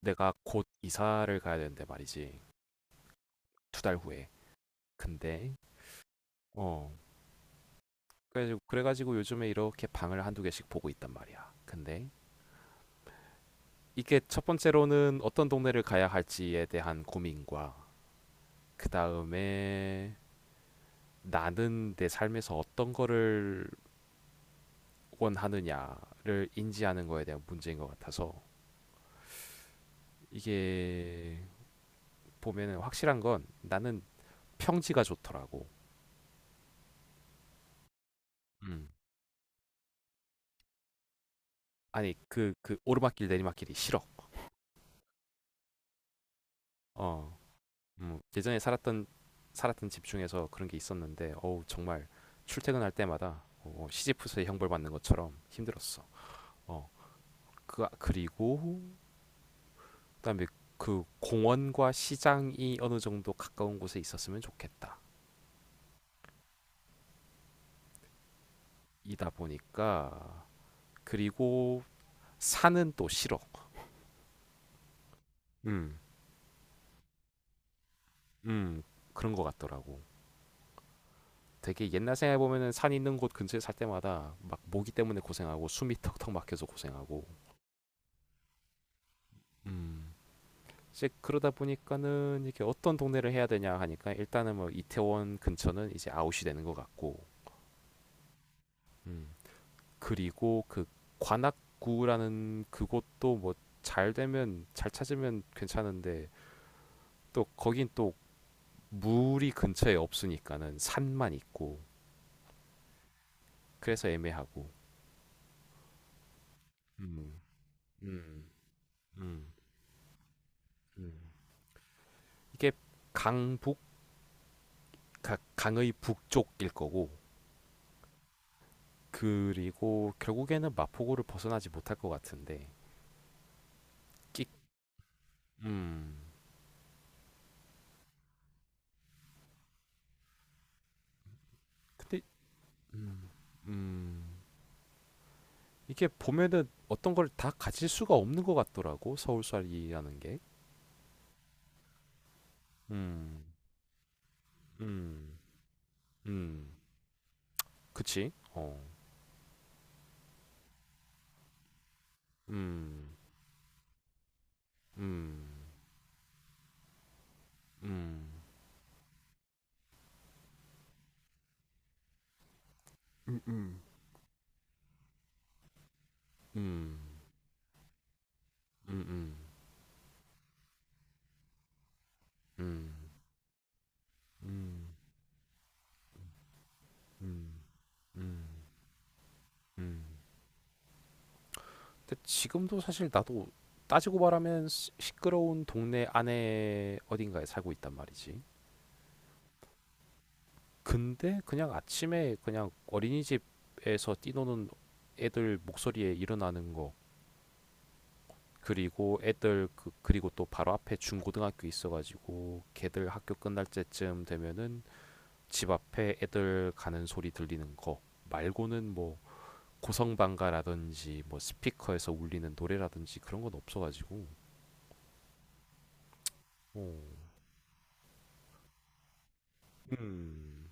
내가 곧 이사를 가야 되는데 말이지. 2달 후에. 근데 어 그래가지고 요즘에 이렇게 방을 한두 개씩 보고 있단 말이야. 근데 이게 첫 번째로는 어떤 동네를 가야 할지에 대한 고민과 그 다음에 나는 내 삶에서 어떤 거를 원하느냐를 인지하는 거에 대한 문제인 것 같아서 이게 보면은 확실한 건 나는 평지가 좋더라고. 음. 아니 그 오르막길 내리막길이 싫어. 어. 예전에 살았던 집 중에서 그런 게 있었는데 어우 정말 출퇴근할 때마다 시지프스의 형벌 받는 것처럼 힘들었어. 어, 그리고 그다음에 그 공원과 시장이 어느 정도 가까운 곳에 있었으면 좋겠다. 이다 보니까 그리고 산은 또 싫어. 음, 음 그런 것 같더라고. 되게 옛날 생각해 보면은 산 있는 곳 근처에 살 때마다 막 모기 때문에 고생하고 숨이 턱턱 막혀서 고생하고. 음. 이제 그러다 보니까는 이게 어떤 동네를 해야 되냐 하니까 일단은 뭐 이태원 근처는 이제 아웃이 되는 것 같고. 음. 그리고 그 관악구라는 그곳도 뭐 잘 찾으면 괜찮은데 또 거긴 또 물이 근처에 없으니까는 산만 있고 그래서 애매하고. 음. 음. 음. 음. 이게 강북, 강의 북쪽일 거고 그리고 결국에는 마포구를 벗어나지 못할 것 같은데, 끼- 음. 근데 음. 음. 이게 보면은 어떤 걸 다 가질 수가 없는 것 같더라고. 서울살이라는 게. 음. 음. 음. 그치? 어. 음. 음. 음, 음. 음. 음. 음. 음. 음. 음. 음. 근데 지금도 사실 나도 따지고 말하면 시끄러운 동네 안에 어딘가에 살고 있단 말이지. 근데 그냥 아침에 그냥 어린이집에서 뛰노는 애들 목소리에 일어나는 거, 그리고 애들 그리고 또 바로 앞에 중고등학교 있어가지고 걔들 학교 끝날 때쯤 되면은 집 앞에 애들 가는 소리 들리는 거 말고는 뭐 고성방가라든지 뭐 스피커에서 울리는 노래라든지 그런 건 없어가지고. 어. 음,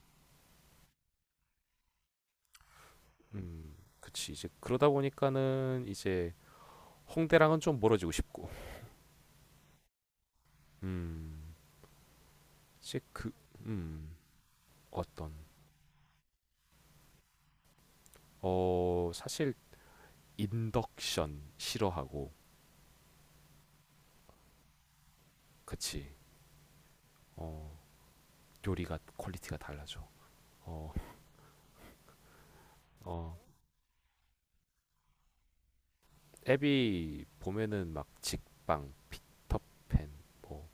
그치. 이제 그러다 보니까는 이제 홍대랑은 좀 멀어지고 싶고. 음. 사실 음, 어떤, 사실 인덕션 싫어하고, 그치, 어, 요리가 퀄리티가 달라져. 어, 어, 앱이 보면은 막 직방, 피터팬, 뭐,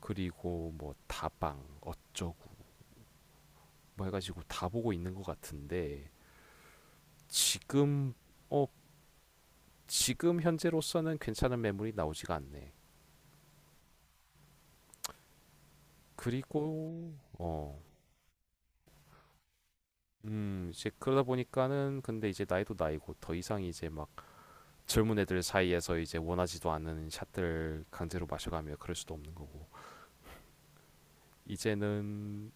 그리고 뭐 다방, 어쩌고, 뭐 해가지고 다 보고 있는 것 같은데, 지금, 어, 지금 현재로서는 괜찮은 매물이 나오지가 않네. 그리고, 이제 그러다 보니까는 근데 이제 나이도 나이고 더 이상 이제 막 젊은 애들 사이에서 이제 원하지도 않는 샷들 강제로 마셔가며 그럴 수도 없는 거고 이제는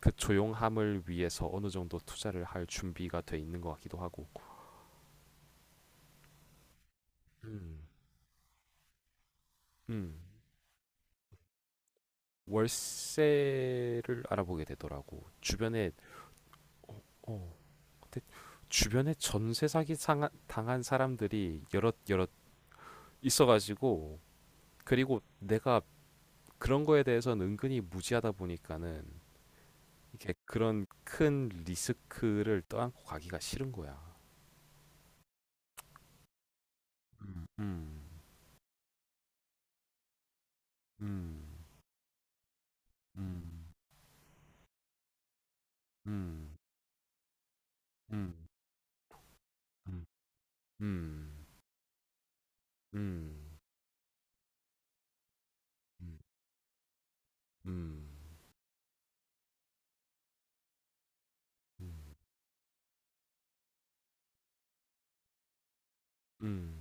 그 조용함을 위해서 어느 정도 투자를 할 준비가 돼 있는 것 같기도 하고. 음, 음. 월세를 알아보게 되더라고 주변에. 어, 어, 근데 주변에 전세 사기 당한 사람들이 여럿 여럿 있어가지고 그리고 내가 그런 거에 대해서는 은근히 무지하다 보니까는 이게 그런 큰 리스크를 떠안고 가기가 싫은 거야. 음, 음, 음, 음, 음, 음, 음, 음, 음, 음, 음, 음, 음,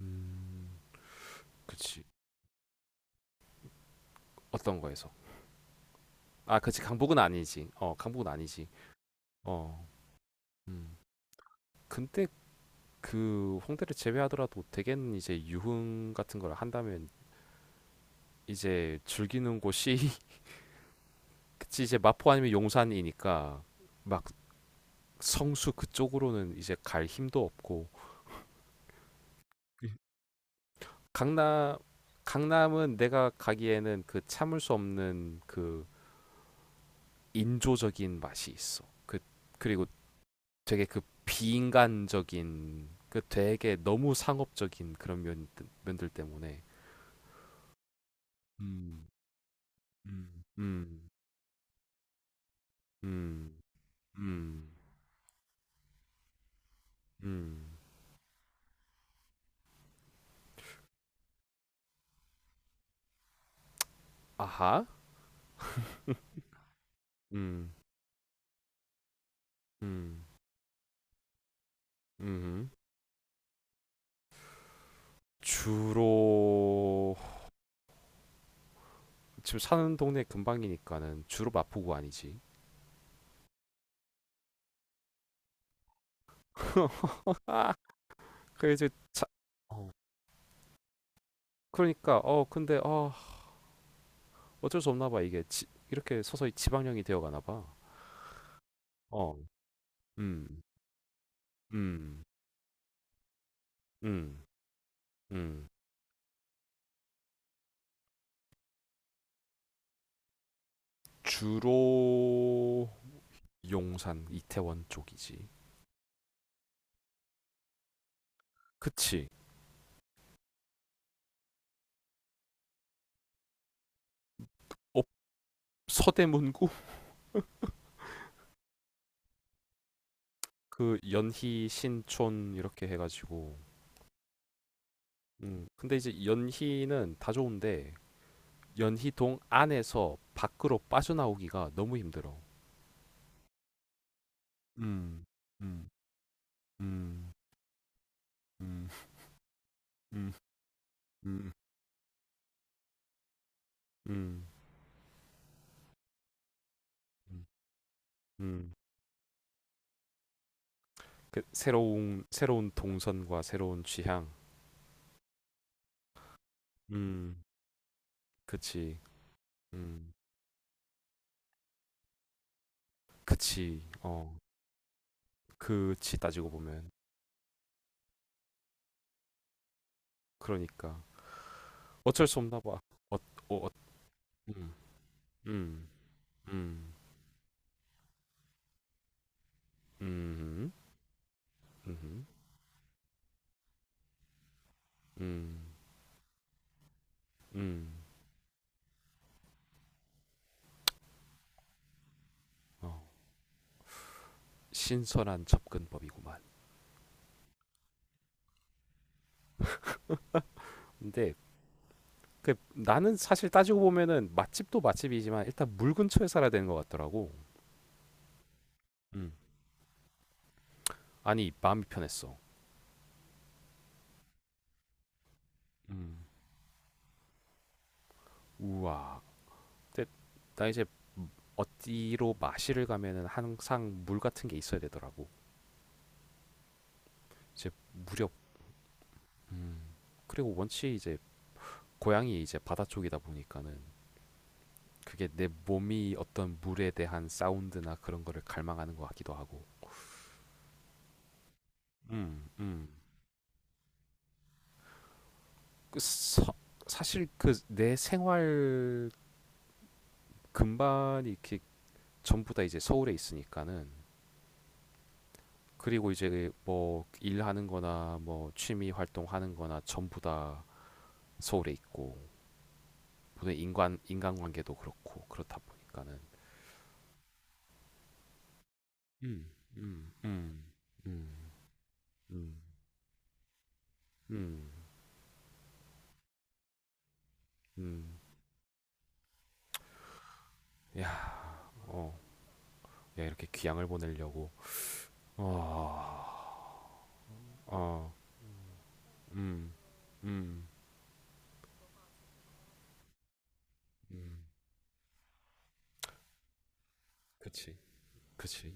음. 그치. 어떤 거에서? 아, 그치. 강북은 아니지. 어, 강북은 아니지. 어, 음. 근데 그 홍대를 제외하더라도 대개는 이제 유흥 같은 걸 한다면 이제 즐기는 곳이 그치 이제 마포 아니면 용산이니까 막 성수 그쪽으로는 이제 갈 힘도 없고. 예. 강남 강남은 내가 가기에는 그 참을 수 없는 그 인조적인 맛이 있어. 그리고 되게 그 비인간적인 그 되게 너무 상업적인 그런 면 면들 때문에. 음, 음, 음, 음, 음, 음. 아하. 음, 음, 음. 주로 지금 사는 동네 근방이니까는 주로 마포구 아니지. 아, 이제 자, 어, 그러니까 근데 어쩔 수 없나 봐. 이게 이렇게 서서히 지방령이 되어 가나 봐. 어, 음, 음, 음, 음. 주로 용산, 이태원 쪽이지. 그치? 업 서대문구 그 연희, 신촌 이렇게 해가지고. 음. 근데 이제 연희는 다 좋은데 연희동 안에서 밖으로 빠져나오기가 너무 힘들어. 음, 음, 음, 음, 음, 음, 음, 음, 음. 그 새로운 동선과 새로운 취향. 음, 그치. 음, 그치. 어, 그치 따지고 보면. 그러니까 어쩔 수 없나 봐. 어, 어, 어, 음, 음, 음, 음, 음, 음, 음. 어, 신선한 접근법이구만. 근데 나는 사실 따지고 보면은 맛집도 맛집이지만 일단 물 근처에 살아야 되는 것 같더라고. 음. 아니 마음이 편했어. 음. 우와. 근데 나 이제 어디로 마시를 가면은 항상 물 같은 게 있어야 되더라고. 이제 무렵 그리고 원체 이제 고향이 이제 바다 쪽이다 보니까는 그게 내 몸이 어떤 물에 대한 사운드나 그런 거를 갈망하는 것 같기도 하고. 음. 음. 그 서- 사실 내 생활 근반이 이렇게 전부 다 이제 서울에 있으니까는 그리고 이제 뭐 일하는 거나 뭐 취미 활동하는 거나 전부 다 서울에 있고 보통 인간관계도 그렇고 그렇다 보니까는. 음, 음, 음, 음, 음, 음, 음. 야, 어, 야 이렇게 귀향을 보내려고. 어, 어, 음, 음, 음, 그치, 그치,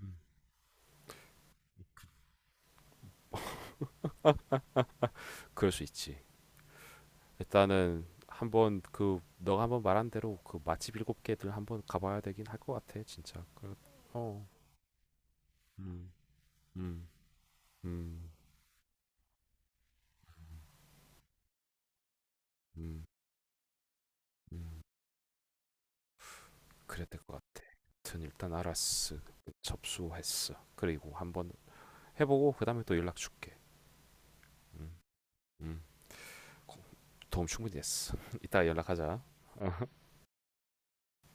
음. 그럴 수 있지. 일단은 한번 그 너가 한번 말한 대로 그 맛집 7개들 한번 가봐야 되긴 할 것 같아 진짜 그, 어, 음, 음, 음, 음, 음, 그래야 될 것 같아. 아무튼 일단 알았어. 접수했어. 그리고 한번 해보고 그 다음에 또 연락 줄게. 음, 음, 도움 충분히 됐어. 이따 연락하자.